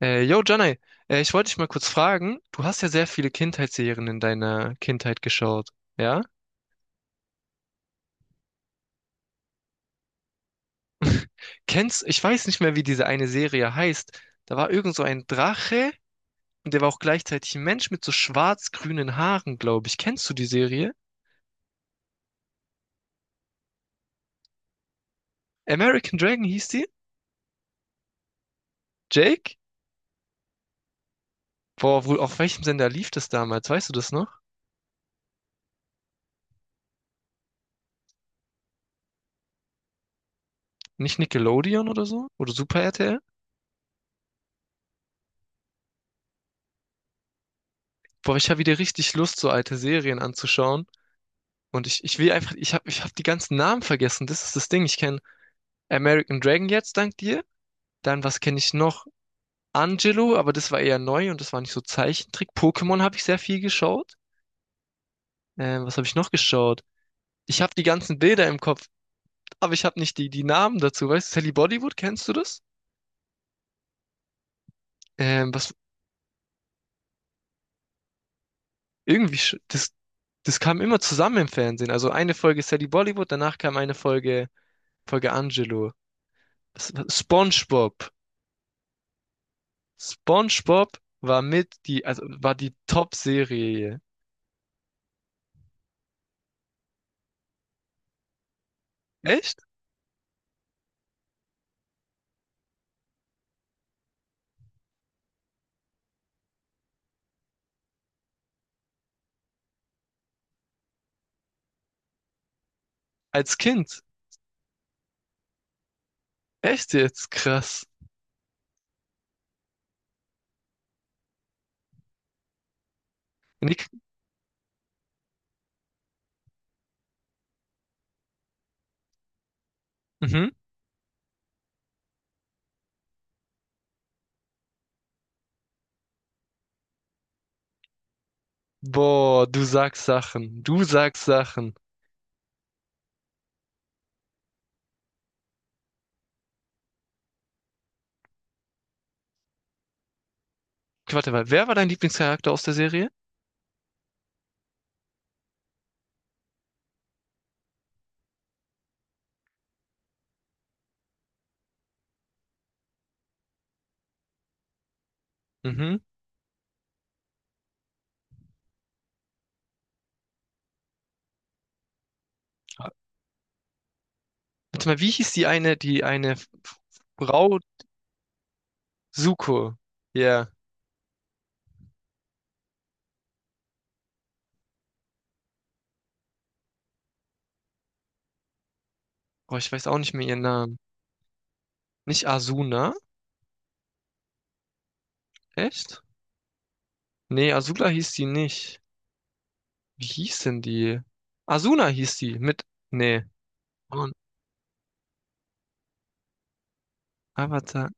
Yo, Janai, ich wollte dich mal kurz fragen. Du hast ja sehr viele Kindheitsserien in deiner Kindheit geschaut, ja? Ich weiß nicht mehr, wie diese eine Serie heißt. Da war irgend so ein Drache und der war auch gleichzeitig ein Mensch mit so schwarz-grünen Haaren, glaube ich. Kennst du die Serie? American Dragon hieß die? Jake? Boah, wo, auf welchem Sender lief das damals? Weißt du das noch? Nicht Nickelodeon oder so? Oder Super RTL? Boah, ich habe wieder richtig Lust, so alte Serien anzuschauen. Und ich will einfach, ich hab die ganzen Namen vergessen. Das ist das Ding. Ich kenne American Dragon jetzt, dank dir. Dann, was kenne ich noch? Angelo, aber das war eher neu und das war nicht so Zeichentrick. Pokémon habe ich sehr viel geschaut. Was habe ich noch geschaut? Ich habe die ganzen Bilder im Kopf, aber ich habe nicht die Namen dazu. Weißt du, Sally Bollywood, kennst du das? Ähm, was irgendwie, sch- das, das kam immer zusammen im Fernsehen. Also eine Folge Sally Bollywood, danach kam eine Folge Angelo. SpongeBob. SpongeBob war mit die, also war die Top-Serie. Echt? Als Kind. Echt jetzt? Krass. Nick, mhm. Boah, du sagst Sachen. Du sagst Sachen. Okay, warte mal, wer war dein Lieblingscharakter aus der Serie? Mhm. Warte mal, wie hieß die eine Frau Zuko? Ja. Yeah. Boah, ich weiß auch nicht mehr ihren Namen. Nicht Asuna? Echt? Nee, Azula hieß die nicht. Wie hieß denn die? Asuna hieß die mit. Nee. Und Avatar.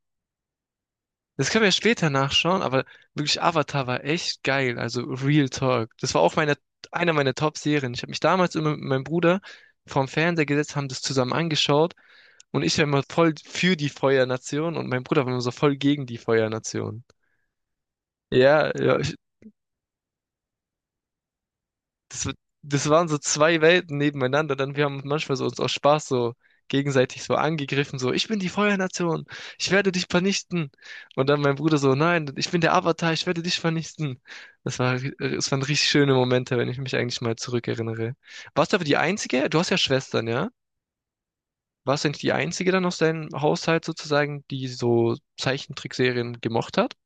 Das können wir ja später nachschauen, aber wirklich Avatar war echt geil, also Real Talk. Das war auch meine, eine meiner Top-Serien. Ich habe mich damals immer mit meinem Bruder vorm Fernseher gesetzt, haben das zusammen angeschaut und ich war immer voll für die Feuernation und mein Bruder war immer so voll gegen die Feuernation. Ja, ja. Das, w- Das waren so zwei Welten nebeneinander. Dann wir haben manchmal so uns aus Spaß so gegenseitig so angegriffen, so, ich bin die Feuernation, ich werde dich vernichten. Und dann mein Bruder so, nein, ich bin der Avatar, ich werde dich vernichten. Das war, das waren richtig schöne Momente, wenn ich mich eigentlich mal zurückerinnere. Warst du aber die Einzige? Du hast ja Schwestern, ja? Warst du nicht die Einzige dann aus deinem Haushalt sozusagen, die so Zeichentrickserien gemocht hat?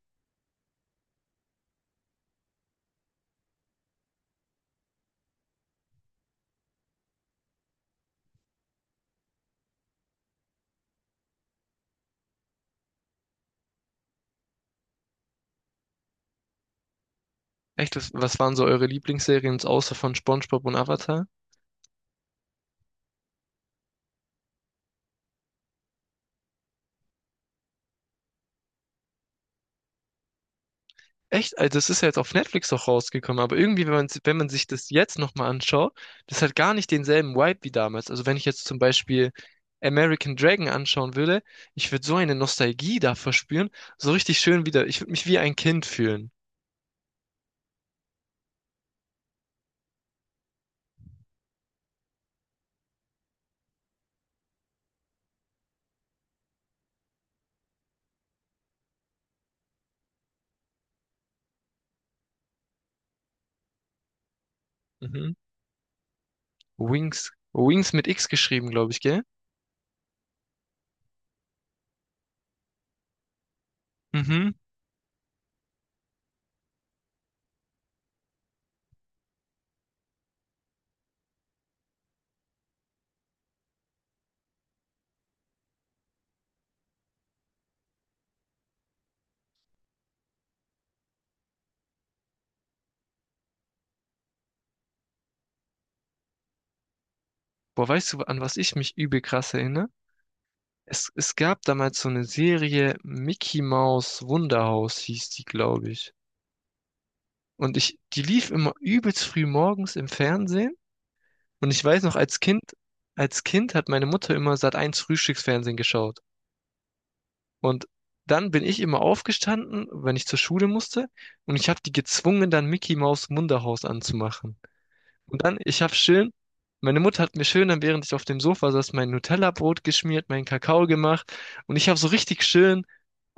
Echt, was, was waren so eure Lieblingsserien außer von SpongeBob und Avatar? Echt, also das ist ja jetzt auf Netflix auch rausgekommen, aber irgendwie, wenn man sich das jetzt nochmal anschaut, das hat gar nicht denselben Vibe wie damals. Also wenn ich jetzt zum Beispiel American Dragon anschauen würde, ich würde so eine Nostalgie da verspüren, so richtig schön wieder, ich würde mich wie ein Kind fühlen. Mhm. Wings. Wings mit X geschrieben, glaube ich, gell? Mhm. Boah, weißt du, an was ich mich übel krass erinnere? Es gab damals so eine Serie Mickey Mouse Wunderhaus, hieß die, glaube ich. Und ich, die lief immer übelst früh morgens im Fernsehen. Und ich weiß noch, als Kind hat meine Mutter immer Sat.1 Frühstücksfernsehen geschaut. Und dann bin ich immer aufgestanden, wenn ich zur Schule musste. Und ich habe die gezwungen, dann Mickey Maus Munderhaus anzumachen. Und dann, ich habe schön, meine Mutter hat mir schön, dann während ich auf dem Sofa saß, mein Nutella-Brot geschmiert, meinen Kakao gemacht. Und ich habe so richtig schön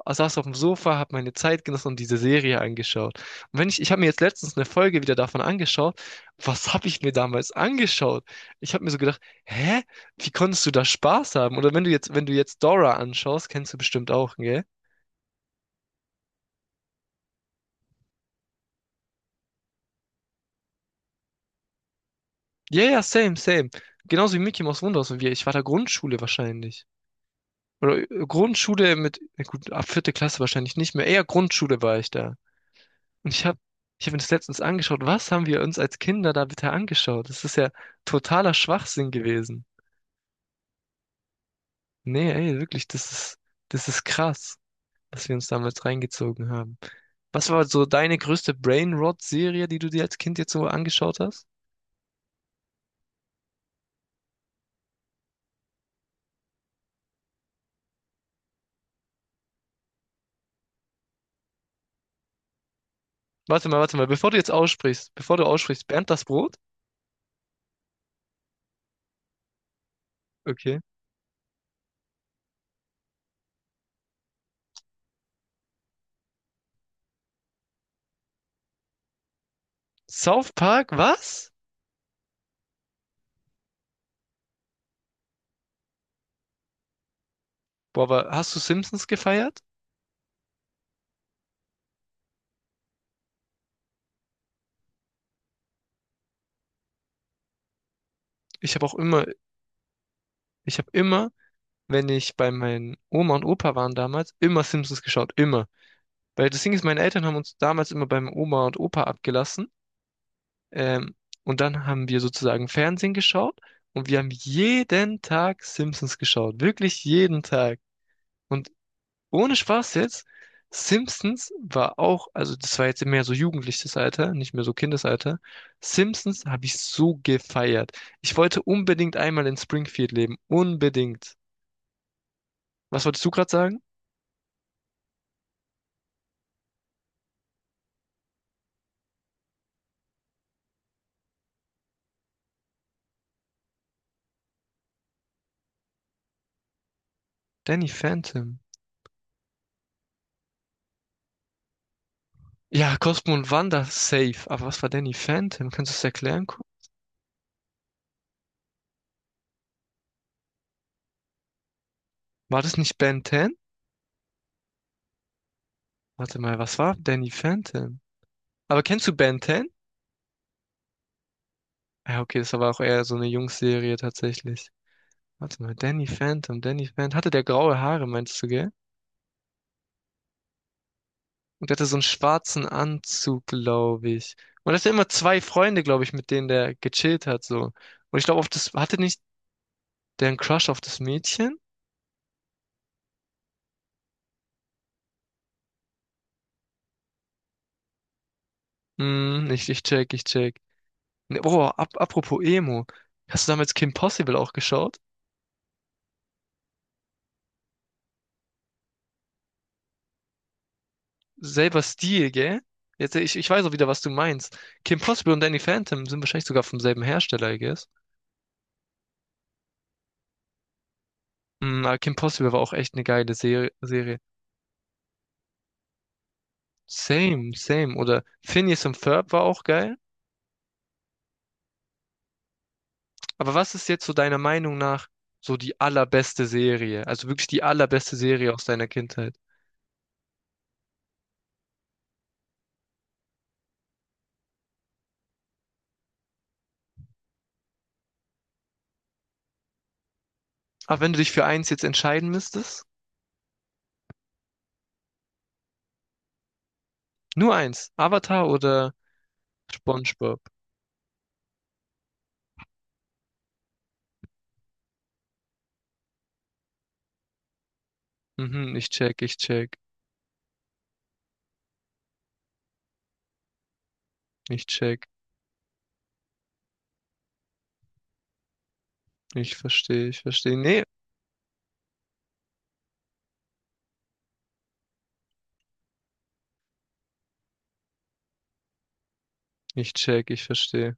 Ah, saß auf dem Sofa, habe meine Zeit genossen und diese Serie angeschaut. Und wenn ich, ich habe mir jetzt letztens eine Folge wieder davon angeschaut. Was habe ich mir damals angeschaut? Ich habe mir so gedacht, hä? Wie konntest du da Spaß haben? Oder wenn du jetzt, wenn du jetzt Dora anschaust, kennst du bestimmt auch, gell? Ja, ja, same, same. Genauso wie Mickey Mouse Wunderhaus und wir. Ich war da Grundschule wahrscheinlich. Oder Grundschule mit, na gut, ab vierte Klasse wahrscheinlich nicht mehr. Eher Grundschule war ich da. Und ich hab mir das letztens angeschaut. Was haben wir uns als Kinder da bitte angeschaut? Das ist ja totaler Schwachsinn gewesen. Nee, ey, wirklich, das ist krass, was wir uns damals reingezogen haben. Was war so deine größte Brainrot-Serie, die du dir als Kind jetzt so angeschaut hast? Warte mal, bevor du jetzt aussprichst, bevor du aussprichst, Bernd das Brot? Okay. South Park, was? Boah, aber hast du Simpsons gefeiert? Ich habe auch immer, ich habe immer, wenn ich bei meinen Oma und Opa waren damals, immer Simpsons geschaut, immer. Weil das Ding ist, meine Eltern haben uns damals immer beim Oma und Opa abgelassen. Ähm, und dann haben wir sozusagen Fernsehen geschaut und wir haben jeden Tag Simpsons geschaut. Wirklich jeden Tag. Und ohne Spaß jetzt, Simpsons war auch, also das war jetzt mehr so jugendliches Alter, nicht mehr so Kindesalter. Simpsons habe ich so gefeiert. Ich wollte unbedingt einmal in Springfield leben. Unbedingt. Was wolltest du gerade sagen? Danny Phantom. Ja, Cosmo und Wanda, safe. Aber was war Danny Phantom? Kannst du es erklären? War das nicht Ben 10? Warte mal, was war Danny Phantom? Aber kennst du Ben 10? Ja, okay, das war auch eher so eine Jungsserie tatsächlich. Warte mal, Danny Phantom, Danny Phantom. Hatte der graue Haare, meinst du, gell? Und der hatte so einen schwarzen Anzug, glaube ich. Und das sind immer zwei Freunde, glaube ich, mit denen der gechillt hat, so. Und ich glaube, auf das, hatte nicht der einen Crush auf das Mädchen? Hm, ich check, ich check. Ne, Boah, ap apropos Emo. Hast du damals Kim Possible auch geschaut? Selber Stil, gell? Jetzt, ich weiß auch wieder, was du meinst. Kim Possible und Danny Phantom sind wahrscheinlich sogar vom selben Hersteller, I guess. Mm, aber Kim Possible war auch echt eine geile Serie. Same, same. Oder Phineas und Ferb war auch geil. Aber was ist jetzt so deiner Meinung nach so die allerbeste Serie? Also wirklich die allerbeste Serie aus deiner Kindheit. Aber wenn du dich für eins jetzt entscheiden müsstest, nur eins, Avatar oder SpongeBob? Mhm, ich check, ich check. Ich check. Ich verstehe. Ich verstehe. Nee, ich check. Ich verstehe.